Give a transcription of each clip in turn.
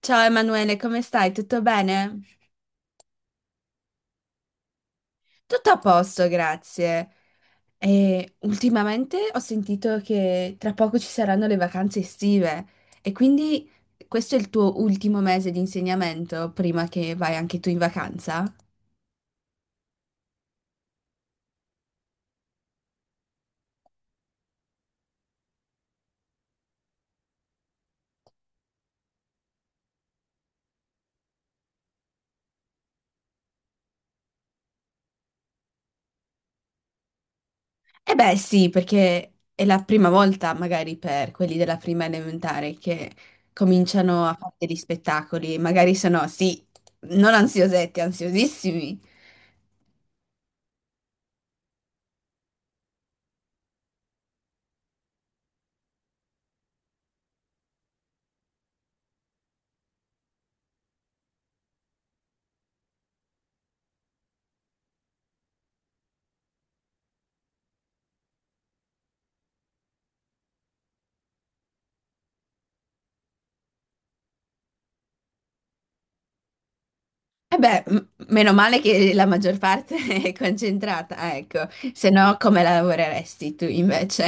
Ciao Emanuele, come stai? Tutto bene? Tutto a posto, grazie. E ultimamente ho sentito che tra poco ci saranno le vacanze estive e quindi questo è il tuo ultimo mese di insegnamento prima che vai anche tu in vacanza? Eh beh, sì, perché è la prima volta, magari per quelli della prima elementare, che cominciano a fare degli spettacoli, magari sono, sì, non ansiosetti, ansiosissimi. Eh beh, meno male che la maggior parte è concentrata, ecco, se no come lavoreresti tu invece?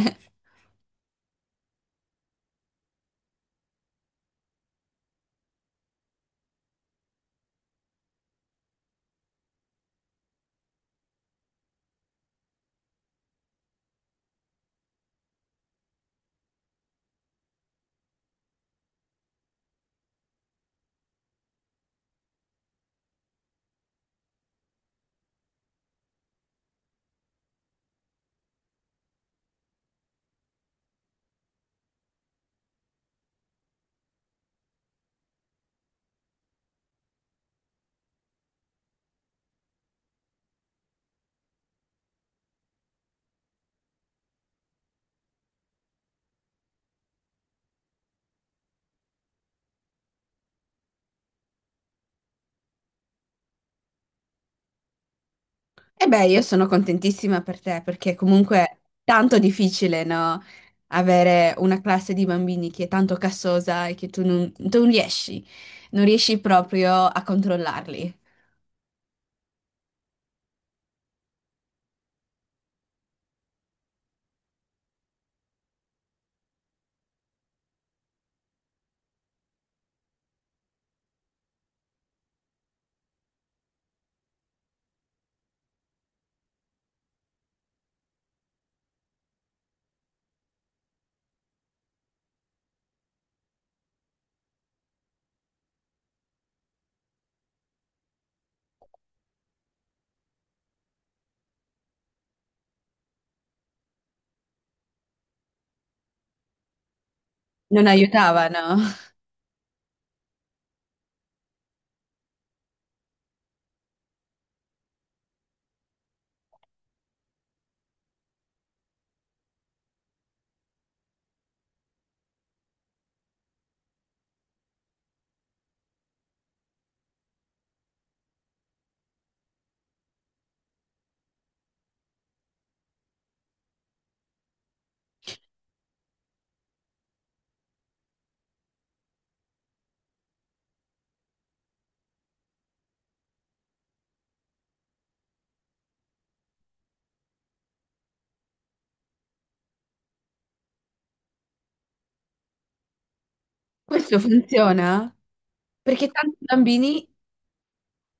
E beh, io sono contentissima per te perché comunque è tanto difficile, no? Avere una classe di bambini che è tanto cassosa e che tu non riesci, non riesci proprio a controllarli. Non aiutavano. Questo funziona? Perché tanti bambini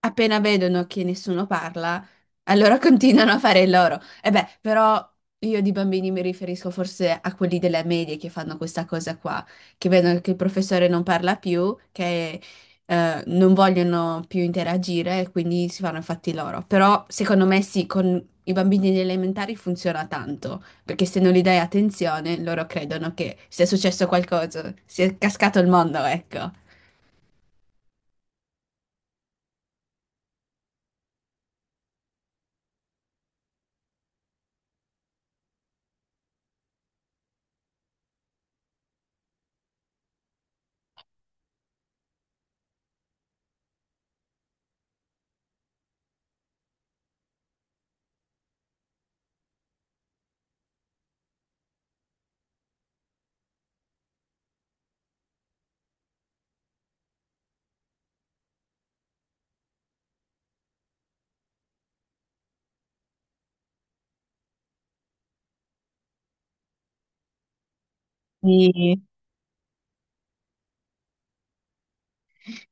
appena vedono che nessuno parla, allora continuano a fare il loro. E beh, però io di bambini mi riferisco forse a quelli della media che fanno questa cosa qua, che vedono che il professore non parla più, che non vogliono più interagire e quindi si fanno i fatti loro. Però secondo me sì, con i bambini elementari funziona tanto, perché se non gli dai attenzione, loro credono che sia successo qualcosa, sia cascato il mondo, ecco. Sì.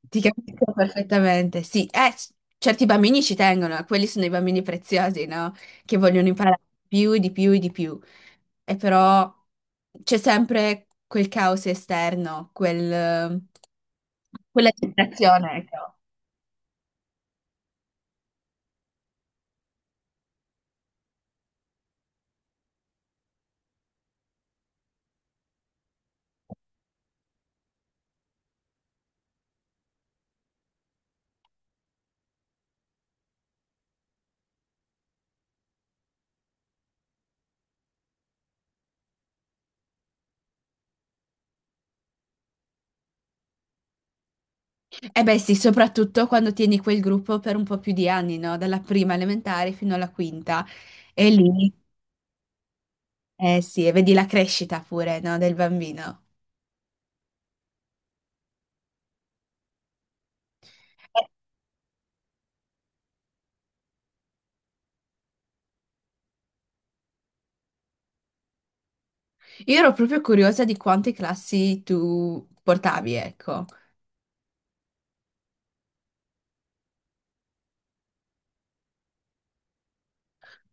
Ti capisco perfettamente, sì. Certi bambini ci tengono, quelli sono i bambini preziosi, no? Che vogliono imparare di più, e di più, e di più. E però c'è sempre quel caos esterno, quel, quella distrazione, ecco. Eh beh sì, soprattutto quando tieni quel gruppo per un po' più di anni, no? Dalla prima elementare fino alla quinta. E lì, eh sì, e vedi la crescita pure, no? Del bambino. Io ero proprio curiosa di quante classi tu portavi, ecco.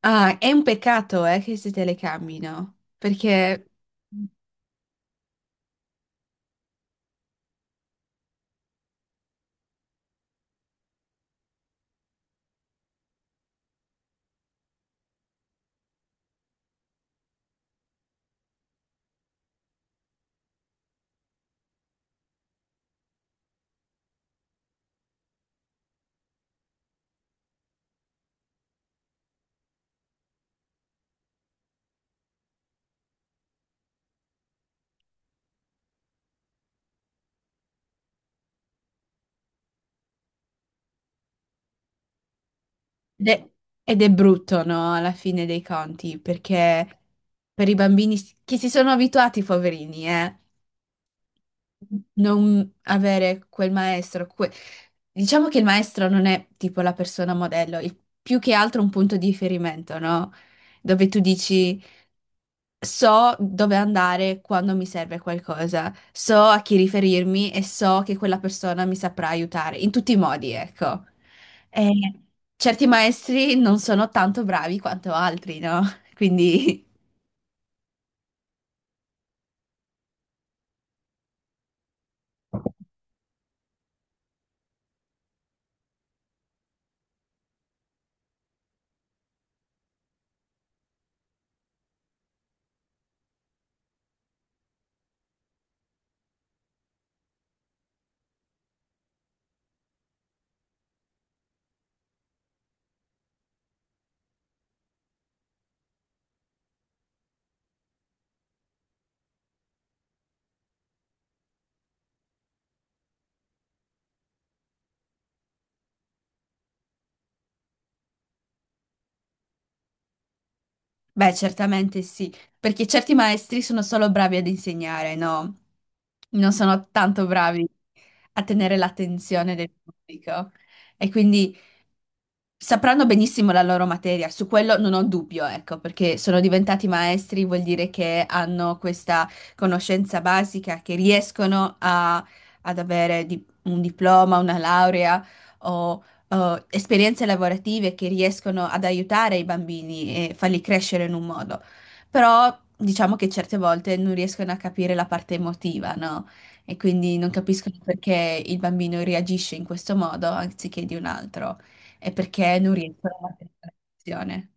Ah, è un peccato, che si telecamino, perché... de- Ed è brutto, no? Alla fine dei conti, perché per i bambini che si sono abituati, poverini, non avere quel maestro... Diciamo che il maestro non è tipo la persona modello, è più che altro un punto di riferimento, no? Dove tu dici... So dove andare quando mi serve qualcosa, so a chi riferirmi e so che quella persona mi saprà aiutare in tutti i modi, ecco. E certi maestri non sono tanto bravi quanto altri, no? Quindi, beh, certamente sì, perché certi maestri sono solo bravi ad insegnare, no? Non sono tanto bravi a tenere l'attenzione del pubblico. E quindi sapranno benissimo la loro materia, su quello non ho dubbio, ecco, perché sono diventati maestri, vuol dire che hanno questa conoscenza basica, che ad avere un diploma, una laurea o, o esperienze lavorative che riescono ad aiutare i bambini e farli crescere in un modo. Però diciamo che certe volte non riescono a capire la parte emotiva, no? E quindi non capiscono perché il bambino reagisce in questo modo anziché di un altro e perché non riescono a mantenere la relazione.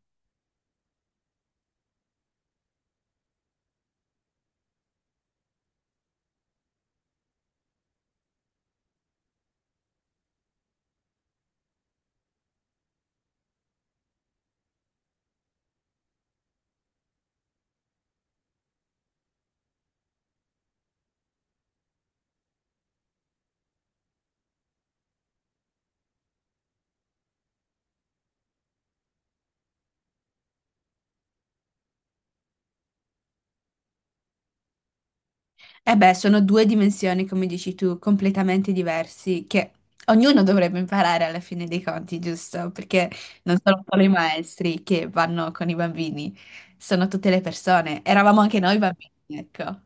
E beh, sono due dimensioni, come dici tu, completamente diversi, che ognuno dovrebbe imparare alla fine dei conti, giusto? Perché non sono solo i maestri che vanno con i bambini, sono tutte le persone. Eravamo anche noi bambini, ecco.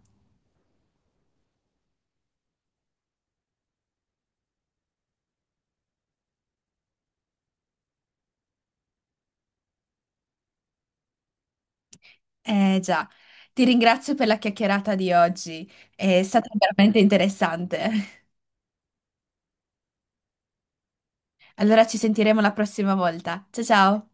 Eh già, ti ringrazio per la chiacchierata di oggi, è stata veramente interessante. Allora ci sentiremo la prossima volta. Ciao ciao!